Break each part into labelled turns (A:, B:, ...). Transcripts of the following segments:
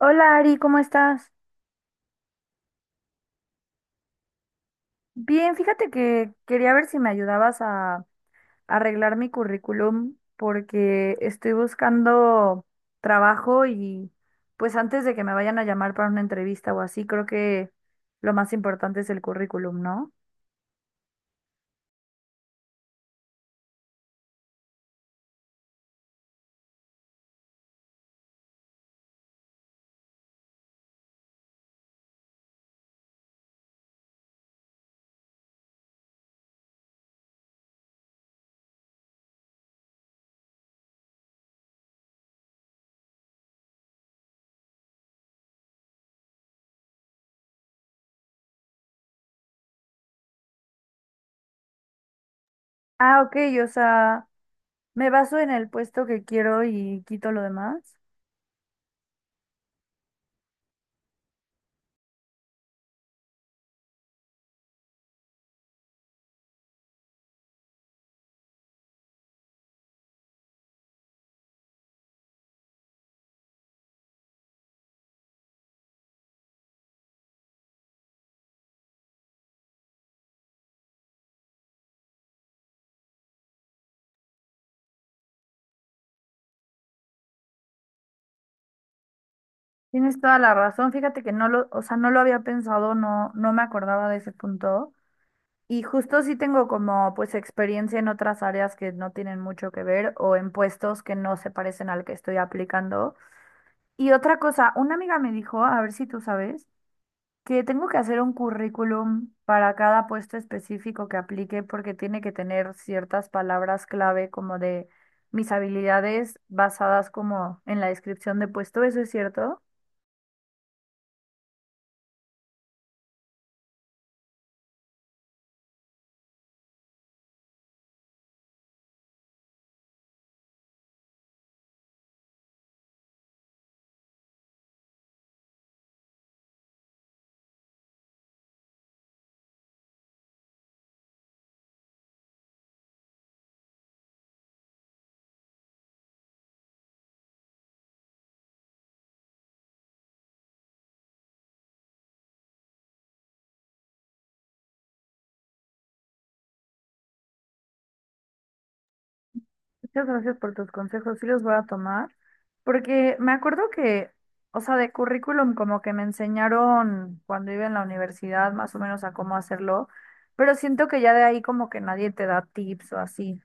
A: Hola Ari, ¿cómo estás? Bien, fíjate que quería ver si me ayudabas a arreglar mi currículum porque estoy buscando trabajo y pues antes de que me vayan a llamar para una entrevista o así, creo que lo más importante es el currículum, ¿no? Ah, ok, o sea, me baso en el puesto que quiero y quito lo demás. Tienes toda la razón, fíjate que o sea, no lo había pensado, no me acordaba de ese punto. Y justo sí tengo como pues experiencia en otras áreas que no tienen mucho que ver o en puestos que no se parecen al que estoy aplicando. Y otra cosa, una amiga me dijo, a ver si tú sabes, que tengo que hacer un currículum para cada puesto específico que aplique porque tiene que tener ciertas palabras clave como de mis habilidades basadas como en la descripción de puesto. ¿Eso es cierto? Muchas gracias por tus consejos, sí los voy a tomar, porque me acuerdo que, o sea, de currículum como que me enseñaron cuando iba en la universidad más o menos a cómo hacerlo, pero siento que ya de ahí como que nadie te da tips o así.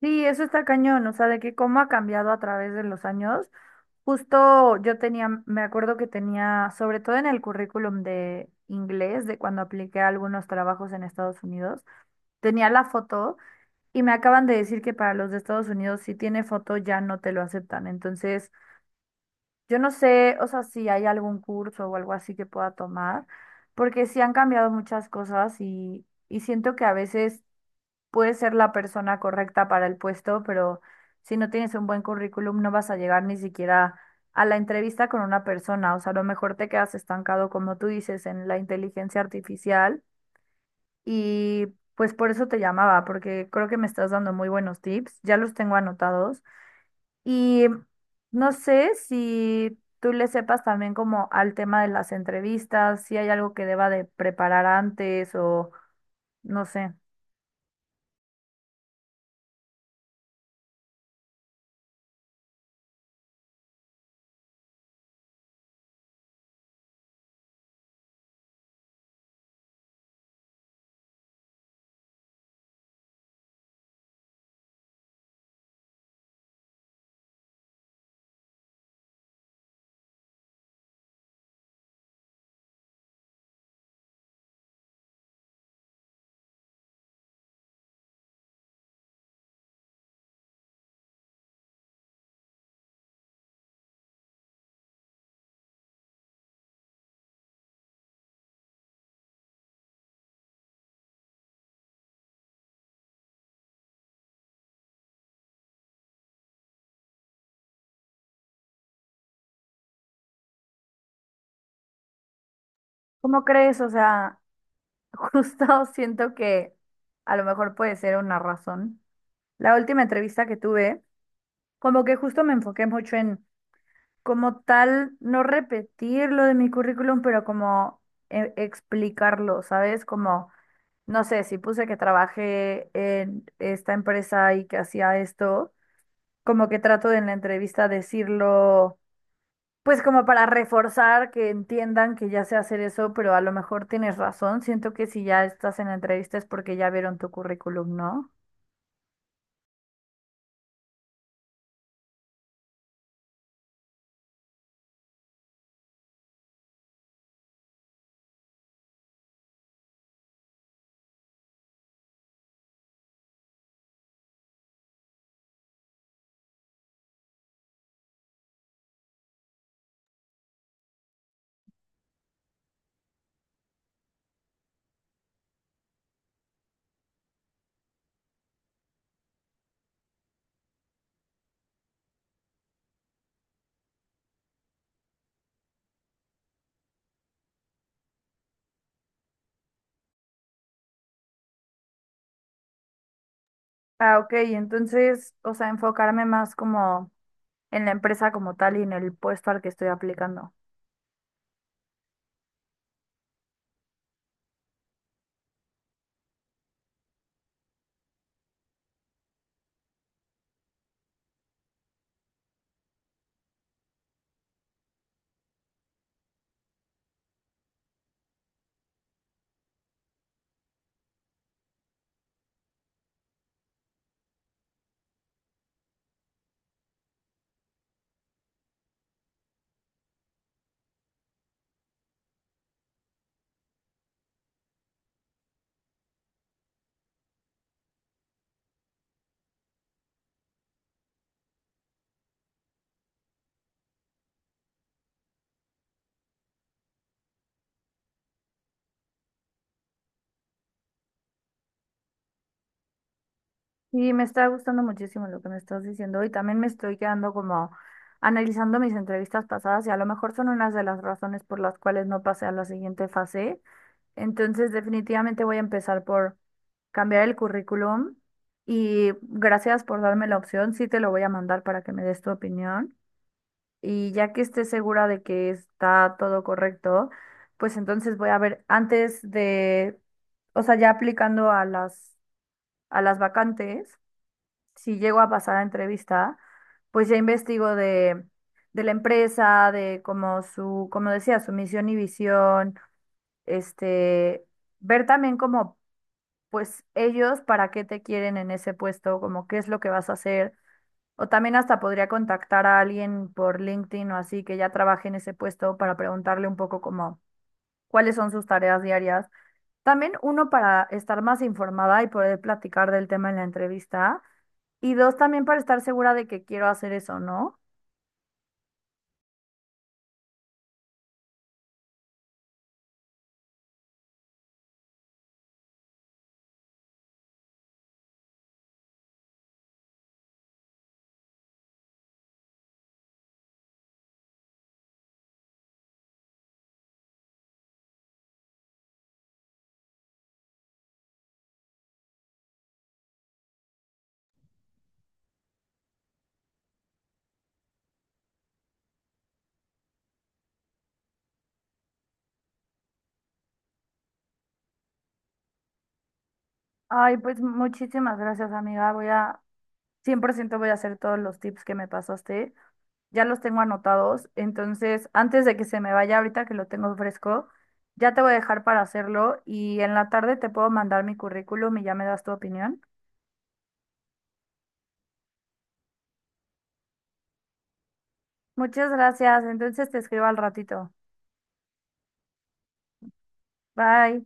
A: Sí, eso está cañón, o sea, de que cómo ha cambiado a través de los años. Justo yo tenía, me acuerdo que tenía, sobre todo en el currículum de inglés, de cuando apliqué a algunos trabajos en Estados Unidos, tenía la foto. Y me acaban de decir que para los de Estados Unidos, si tiene foto, ya no te lo aceptan. Entonces, yo no sé, o sea, si hay algún curso o algo así que pueda tomar, porque sí han cambiado muchas cosas y siento que a veces puedes ser la persona correcta para el puesto, pero si no tienes un buen currículum, no vas a llegar ni siquiera a la entrevista con una persona. O sea, a lo mejor te quedas estancado, como tú dices, en la inteligencia artificial y pues por eso te llamaba, porque creo que me estás dando muy buenos tips, ya los tengo anotados. Y no sé si tú le sepas también como al tema de las entrevistas, si hay algo que deba de preparar antes o no sé. ¿Cómo crees? O sea, justo siento que a lo mejor puede ser una razón. La última entrevista que tuve, como que justo me enfoqué mucho en como tal, no repetir lo de mi currículum, pero como explicarlo, ¿sabes? Como, no sé, si puse que trabajé en esta empresa y que hacía esto, como que trato de en la entrevista decirlo, pues como para reforzar que entiendan que ya sé hacer eso, pero a lo mejor tienes razón. Siento que si ya estás en la entrevista es porque ya vieron tu currículum, ¿no? Ah, ok, entonces, o sea, enfocarme más como en la empresa como tal y en el puesto al que estoy aplicando. Sí, me está gustando muchísimo lo que me estás diciendo y también me estoy quedando como analizando mis entrevistas pasadas y a lo mejor son unas de las razones por las cuales no pasé a la siguiente fase. Entonces, definitivamente voy a empezar por cambiar el currículum y gracias por darme la opción. Sí te lo voy a mandar para que me des tu opinión y ya que esté segura de que está todo correcto, pues entonces voy a ver antes de, o sea, ya aplicando a a las vacantes si llego a pasar a entrevista, pues ya investigo de la empresa, de como su, como decía, su misión y visión, este, ver también como, pues ellos para qué te quieren en ese puesto, como qué es lo que vas a hacer. O también hasta podría contactar a alguien por LinkedIn o así que ya trabaje en ese puesto para preguntarle un poco como cuáles son sus tareas diarias. También uno para estar más informada y poder platicar del tema en la entrevista. Y dos, también para estar segura de que quiero hacer eso, ¿no? Ay, pues muchísimas gracias, amiga. 100% voy a hacer todos los tips que me pasaste. Ya los tengo anotados. Entonces, antes de que se me vaya ahorita que lo tengo fresco, ya te voy a dejar para hacerlo y en la tarde te puedo mandar mi currículum y ya me das tu opinión. Muchas gracias. Entonces te escribo al ratito. Bye.